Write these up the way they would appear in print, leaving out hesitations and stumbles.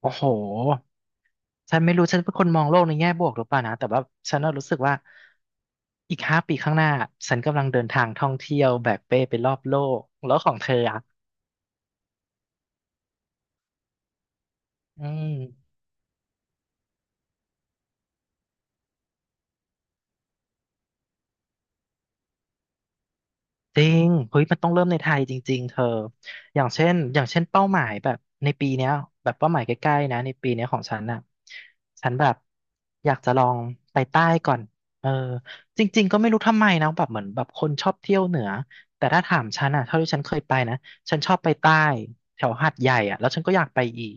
โอ้โห ฉันไม่รู้ ฉันเป็นคนมองโลกในแง่บวกหรือเปล่านะ แต่ว่าฉันน่ะรู้สึกว่าอีกห้าปีข้างหน้าฉันกำลังเดินทางท่องเที่ยวแบกเป้ไปรอบโลกแล้วของเธออ่ะอืม จริงเฮ้ยมันต้องเริ่มในไทยจริงๆเธออย่างเช่นเป้าหมายแบบในปีเนี้ยแบบเป้าหมายใกล้ๆนะในปีเนี้ยของฉันน่ะฉันแบบอยากจะลองไปใต้ก่อนเออจริงๆก็ไม่รู้ทำไมนะแบบเหมือนแบบคนชอบเที่ยวเหนือแต่ถ้าถามฉันอ่ะเท่าที่ฉันเคยไปนะฉันชอบไปใต้แถวหาดใหญ่อ่ะแล้วฉันก็อยากไปอีก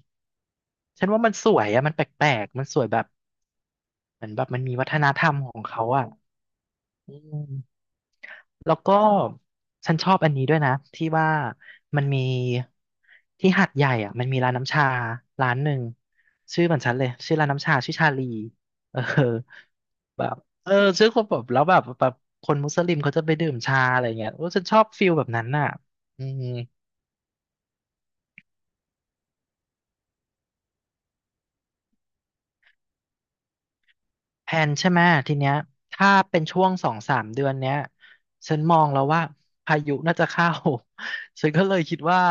ฉันว่ามันสวยอ่ะมันแปลกๆมันสวยแบบเหมือนแบบมันมีวัฒนธรรมของเขาอ่ะอืม แล้วก็ฉันชอบอันนี้ด้วยนะที่ว่ามันมีที่หาดใหญ่อ่ะมันมีร้านน้ำชาร้านหนึ่งชื่อเหมือนฉันเลยชื่อร้านน้ำชาชื่อชาลีเออแบบเออชื่อคนแบบแล้วแบบคนมุสลิมเขาจะไปดื่มชาอะไรเงี้ยโอ้ฉันชอบฟิลแบบนั้นน่ะอืม แพลนใช่ไหมทีเนี้ยถ้าเป็นช่วง2-3 เดือนเนี้ยฉันมองแล้วว่าพายุน่าจะเข้า ฉันก็เลยคิดว่า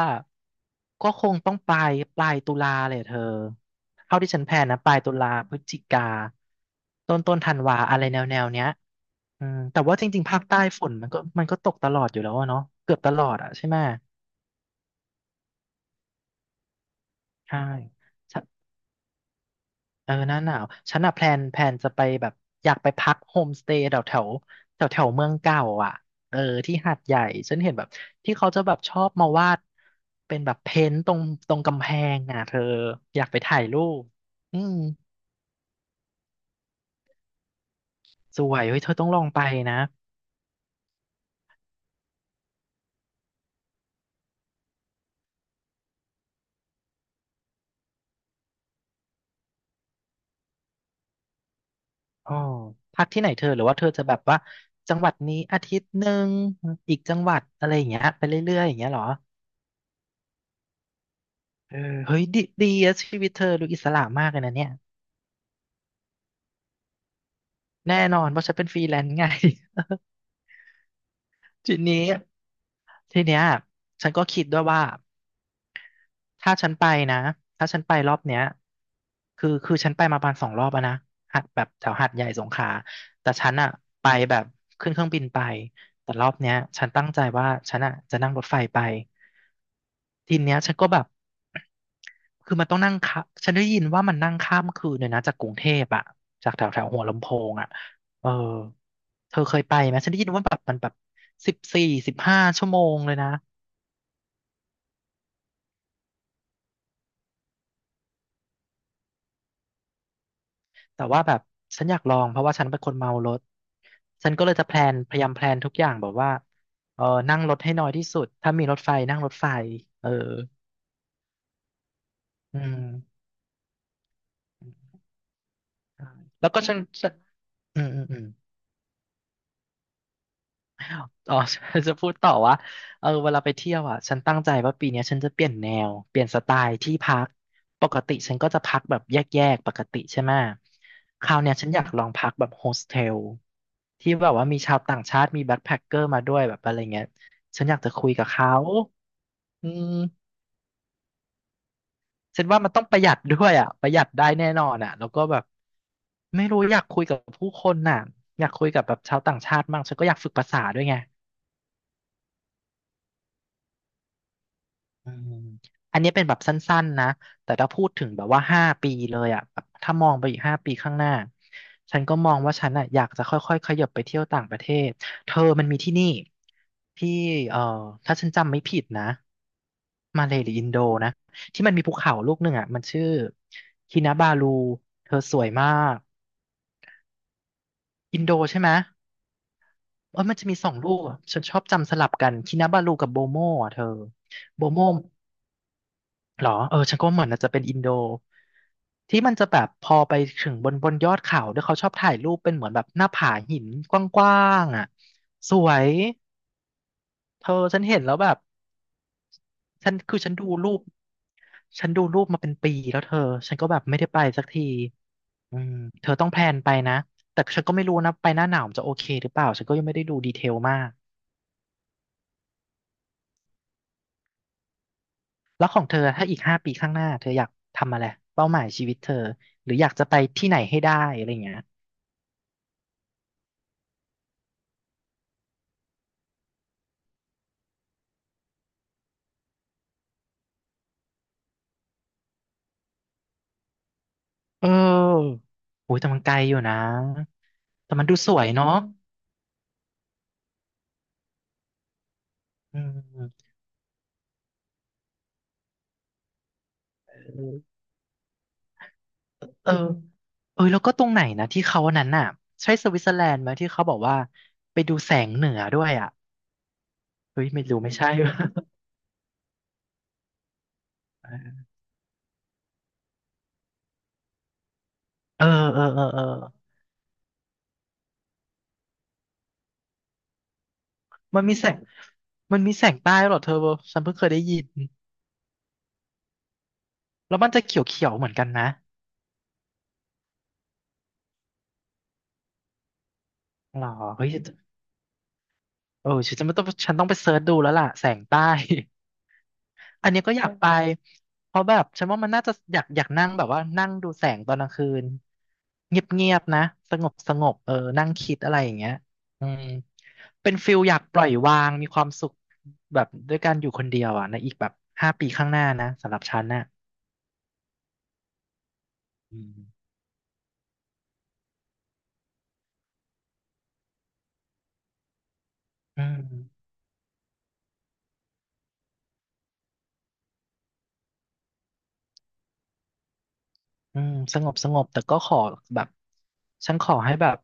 ก็คงต้องปลายตุลาเลยเธอเท่าที่ฉันแพลนนะปลายตุลาพฤศจิกาต้นธันวาอะไรแนวเนี้ยอืมแต่ว่าจริงๆภาคใต้ฝนมันก็ตกตลอดอยู่แล้วอะเนาะเกือบตลอดอะใช่ไหมใช่ เออหน้าหนาวฉันอะแพลนจะไปแบบอยากไปพักโฮมสเตย์แถวแถวแถวแถวเมืองเก่าอ่ะเออที่หาดใหญ่ฉันเห็นแบบที่เขาจะแบบชอบมาวาดเป็นแบบเพ้นท์ตรงกำแพงอ่ะเธออยากไปถ่ายรูปอืมสวยเฮ้ยเธอต้องลองไปนะอ๋อพักที่ไหนเธอหรือว่าเธอจะแบบว่าจังหวัดนี้อาทิตย์หนึ่งอีกจังหวัดอะไรอย่างเงี้ยไปเรื่อยๆอย่างเงี้ยเหรอเออเฮ้ยดีดีอะชีวิตเธอดูอิสระมากเลยนะเนี่ยแน่นอนเพราะฉันเป็นฟรีแลนซ์ไง ทีนี้ทีเนี้ยฉันก็คิดด้วยว่าถ้าฉันไปนะถ้าฉันไปรอบเนี้ยคือฉันไปมาประมาณ2 รอบอะนะหัดแบบแถวหาดใหญ่สงขลาแต่ฉันอะไปแบบขึ้นเครื่องบินไปแต่รอบเนี้ยฉันตั้งใจว่าฉันอะจะนั่งรถไฟไปทีเนี้ยฉันก็แบบคือมันต้องนั่งค่ะฉันได้ยินว่ามันนั่งข้ามคืนเลยนะจากกรุงเทพอะจากแถวแถวหัวลำโพงอะเออเธอเคยไปไหมฉันได้ยินว่าแบบมันแบบ14-15 ชั่วโมงเลยนะ แต่ว่าแบบฉันอยากลองเพราะว่าฉันเป็นคนเมารถฉันก็เลยจะแพลนพยายามแพลนทุกอย่างแบบว่าเออนั่งรถให้น้อยที่สุดถ้ามีรถไฟนั่งรถไฟเอออืมแล้วก็ฉันอืมอืมอืม อ๋อ จะพูดต่อว่าเออเวลาไปเที่ยวอ่ะฉันตั้งใจว่าปีเนี้ยฉันจะเปลี่ยนแนวเปลี่ยนสไตล์ที่พักปกติฉันก็จะพักแบบแยกๆปกติใช่ไหมคราวเนี้ยฉันอยากลองพักแบบโฮสเทลที่แบบว่ามีชาวต่างชาติมีแบ็คแพ็คเกอร์มาด้วยแบบอะไรเงี้ยฉันอยากจะคุยกับเขาอืมฉันว่ามันต้องประหยัดด้วยอ่ะประหยัดได้แน่นอนอ่ะแล้วก็แบบไม่รู้อยากคุยกับผู้คนน่ะอยากคุยกับแบบชาวต่างชาติมั่งฉันก็อยากฝึกภาษาด้วยไง อืมอันนี้เป็นแบบสั้นๆนะ แต่ถ้าพูดถึงแบบว่าห้าปีเลยอ่ะแบบถ้ามองไปอีกห้าปีข้างหน้า ฉันก็มองว่าฉันอ่ะอยากจะค่อยๆขยับไปเที่ยวต่างประเทศ เธอมันมีที่นี่ที่เอ่อถ้าฉันจำไม่ผิดนะมาเลย์หรืออินโดนะที่มันมีภูเขาลูกหนึ่งอ่ะมันชื่อคินาบาลูเธอสวยมากอินโดใช่ไหมเออมันจะมีสองลูกอะฉันชอบจำสลับกันคินาบาลูกับโบโมอ่ะเธอโบโม หรอฉันก็ว่าเหมือนอาจจะเป็นอินโดที่มันจะแบบพอไปถึงบนยอดเขาด้วยเขาชอบถ่ายรูปเป็นเหมือนแบบหน้าผาหินกว้างๆอ่ะสวยเธอฉันเห็นแล้วแบบฉันคือฉันดูรูปฉันดูรูปมาเป็นปีแล้วเธอฉันก็แบบไม่ได้ไปสักทีอืมเธอต้องแพลนไปนะแต่ฉันก็ไม่รู้นะไปหน้าหนาวมันจะโอเคหรือเปล่าฉันก็ยังไม่ได้ดูดีเทลมากแล้วของเธอถ้าอีกห้าปีข้างหน้าเธออยากทำอะไรเป้าหมายชีวิตเธอหรืออยากจะไปที่ไหนให้ได้อะไรอย่างเงี้ย เออ โอ้ยแต่มันไกลอยู่นะแต่มันดูสวยเนาะอืมเออ เออแล้วก็ตรงไหนนะที่เขาอันนั้นน่ะใช่สวิตเซอร์แลนด์ไหมที่เขาบอกว่าไปดูแสงเหนือด้วยอ่ะเฮ้ยไม่รู้ไม่ใช่ เออเออเอออมันมีแสง มันมีแสงใต้เหรอเธอฉันเพิ่งเคยได้ยินแล้วมันจะเขียวเขียวเหมือนกันนะหรอเฮ้ยเออฉันจะไม่ต้องฉันต้องไปเซิร์ชดูแล้วล่ะแสงใต้ อันนี้ก็อยากไปเพราะแบบฉันว่ามันน่าจะอยากนั่งแบบว่านั่งดูแสงตอนกลางคืนเงียบๆนะสงบสงบเออนั่งคิดอะไรอย่างเงี้ยอืมเป็นฟิลอยากปล่อยวางมีความสุขแบบด้วยการอยู่คนเดียวอ่ะในอีกแบบห้าปีข้างหน้านะสำหรับฉันน่ะอืมอืมอืมสงบสงบแต่ก็ขอแบบฉันขอให้แบบ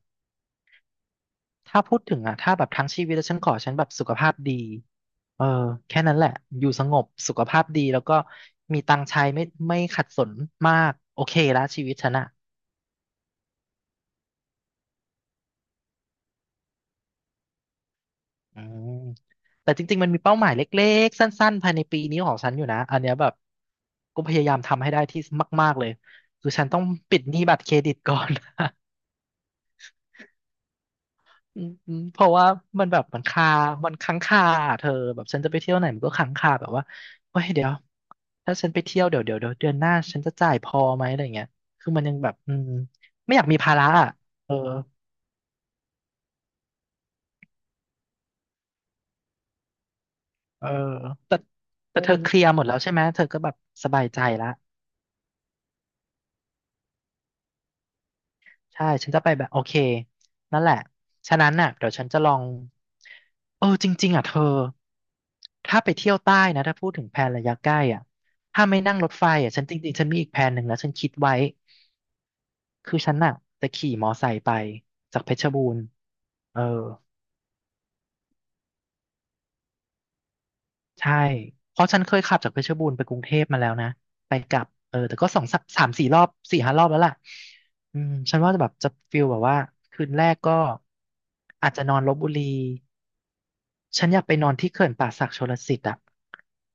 ถ้าพูดถึงอ่ะถ้าแบบทั้งชีวิตแล้วฉันแบบสุขภาพดี เออแค่นั้นแหละอยู่สงบสุขภาพดีแล้วก็มีตังค์ใช้ไม่ขัดสนมากโอเคละชีวิตฉันอะอืมแต่จริงๆมันมีเป้าหมายเล็กๆสั้นๆภายในปีนี้ของฉันอยู่นะอันเนี้ยแบบก็พยายามทำให้ได้ที่มากๆเลยคือฉันต้องปิดหนี้บัตรเครดิตก่อน อืมเพราะว่ามันแบบมันค้างคาอะเธอแบบฉันจะไปเที่ยวไหนมันก็ค้างคาแบบว่าเฮ้ยเดี๋ยวถ้าฉันไปเที่ยวเดี๋ยวเดือนหน้าฉันจะจ่ายพอไหมอะไรเงี้ยคือมันยังแบบอืมไม่อยากมีภาระอ่ะเออเออแต่แต่เธอเคลียร์หมดแล้วใช่ไหมเธอก็แบบสบายใจละใช่ฉันจะไปแบบโอเคนั่นแหละฉะนั้นน่ะเดี๋ยวฉันจะลองเออจริงๆอ่ะเธอ ถ้าไปเที่ยวใต้นะถ้าพูดถึงแพนระยะใกล้อ่ะถ้าไม่นั่งรถไฟอ่ะฉันจริงๆฉันมีอีกแผนหนึ่งแล้วฉันคิดไว้คือฉันอ่ะจะขี่มอไซค์ไปจากเพชรบูรณ์เออใช่เพราะฉันเคยขับจากเพชรบูรณ์ไปกรุงเทพมาแล้วนะไปกลับเออแต่ก็สองสามสี่รอบสี่ห้ารอบแล้วล่ะอืมฉันว่าจะแบบจะฟิลแบบว่าคืนแรกก็อาจจะนอนลพบุรี ฉันอยากไปนอนที่เขื่อนป่าสักชลสิทธิ์อะ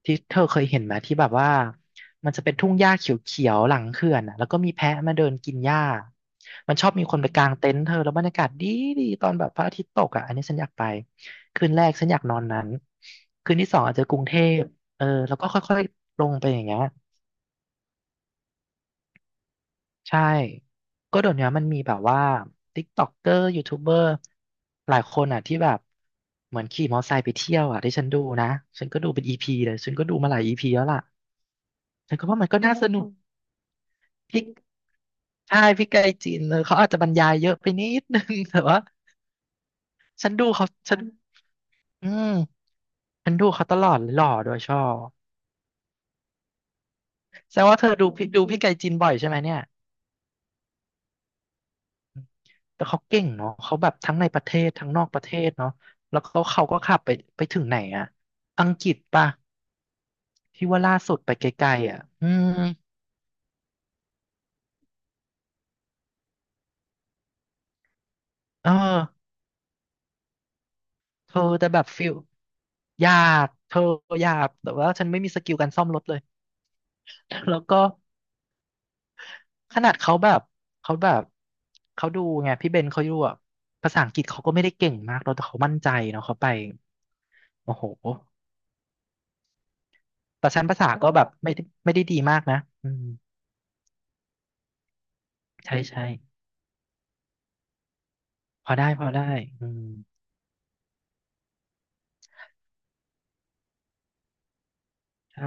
ที่เธอเคยเห็นไหมที่แบบว่ามันจะเป็นทุ่งหญ้าเขียวๆหลังเขื่อนอะแล้วก็มีแพะมาเดินกินหญ้ามันชอบมีคนไปกางเต็นท์เธอแล้วบรรยากาศดีตอนแบบพระอาทิตย์ตกอะอันนี้ฉันอยากไปคืนแรกฉันอยากนอนนั้นคืนที่สองอาจจะกรุงเทพเออแล้วก็ค่อยๆลงไปอย่างเงี้ย ใช่ ก็เดี๋ยวนี้มันมีแบบว่าติ๊กต็อกเกอร์ยูทูบเบอร์หลายคนอ่ะที่แบบเหมือนขี่มอเตอร์ไซค์ไปเที่ยวอ่ะที่ฉันดูนะฉันก็ดูเป็นอีพีเลยฉันก็ดูมาหลายอีพีแล้วล่ะฉันก็ว่ามันก็น่าสนุกพลิกใช่พี่ไกจีนเลยเขาอาจจะบรรยายเยอะไปนิดนึง แต่ว่าฉันดูเขาฉันอืมฉันดูเขาตลอดเลยหล่อโดวยชอบแสดงว่าเธอดูพี่ไกลจีนบ่อยใช่ไหมเนี่ย แต่เขาเก่งเนาะเขาแบบทั้งในประเทศทั้งนอกประเทศเนาะแล้วเขาก็ขับไปไปถึงไหนอะอังกฤษป่ะที่ว่าล่าสุดไปไกลๆอ่ะอืมเออเธอแต่แบบฟิลหยาบเธอหยาบแต่ว่าฉันไม่มีสกิลการซ่อมรถเลย แล้วก็ขนาดเขาแบบเขาดูไงพี่เบนเขาดูอ่ะภาษาอังกฤษเขาก็ไม่ได้เก่งมากเราแต่เขามั่นใจเนาะเขาไปโอ้โหแต่ฉันภาษาก็แบบไม่ได้ดีมากนะอืมใช่ใช่ พอได้พอได้อืมใช่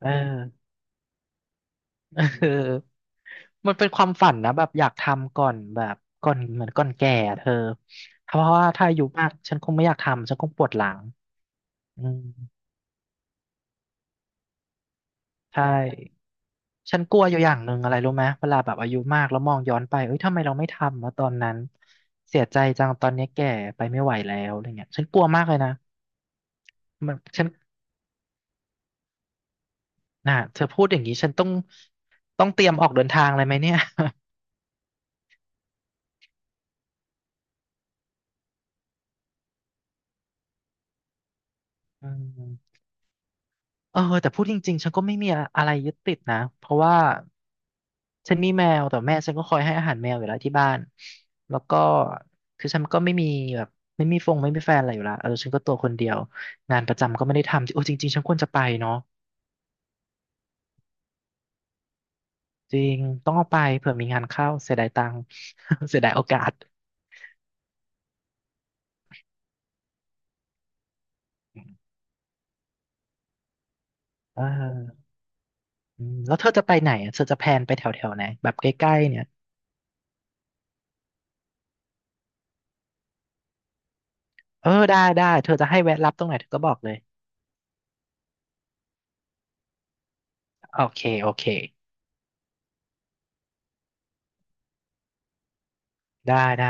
เออ เออมันเป็นความฝันนะแบบอยากทำก่อนแบบก่อนก่อนแก่อะเธอเพราะว่าถ้าอายุมากฉันคงไม่อยากทำฉันคงปวดหลังอืมใช่ฉันกลัวอยู่อย่างหนึ่งอะไรรู้ไหมเวลาแบบอายุมากแล้วมองย้อนไปเอ้ยทำไมเราไม่ทำวะตอนนั้นเสียใจจังตอนนี้แก่ไปไม่ไหวแล้วอะไรเงี้ยฉันกลัวมากเลยนะมันฉันน่ะเธอพูดอย่างนี้ฉันต้องเตรียมออกเดินทางเลยไหมเนี่ย อืม เออแต่พูดจริงๆฉันก็ไม่มีอะไรยึดติดนะเพราะว่าฉันมีแมวแต่แม่ฉันก็คอยให้อาหารแมวอยู่แล้วที่บ้านแล้วก็คือฉันก็ไม่มีแบบไม่มีฟงไม่มีแฟนอะไรอยู่แล้วเออฉันก็ตัวคนเดียวงานประจำก็ไม่ได้ทำโอ้จริงๆฉันควรจะไปเนาะจริงต้องเอาไปเผื่อมีงานเข้าเสียดายตังค์ เสียดายโอกาสเอออืมแล้วเธอจะไปไหนอะเธอจะแพลนไปแถวแถวไหนแบบใกล้ๆเนี่ยเออได้ได้เธอจะให้แวะรับตรงไหนเธอก็บอกเลยโอเคโอเคได้ได้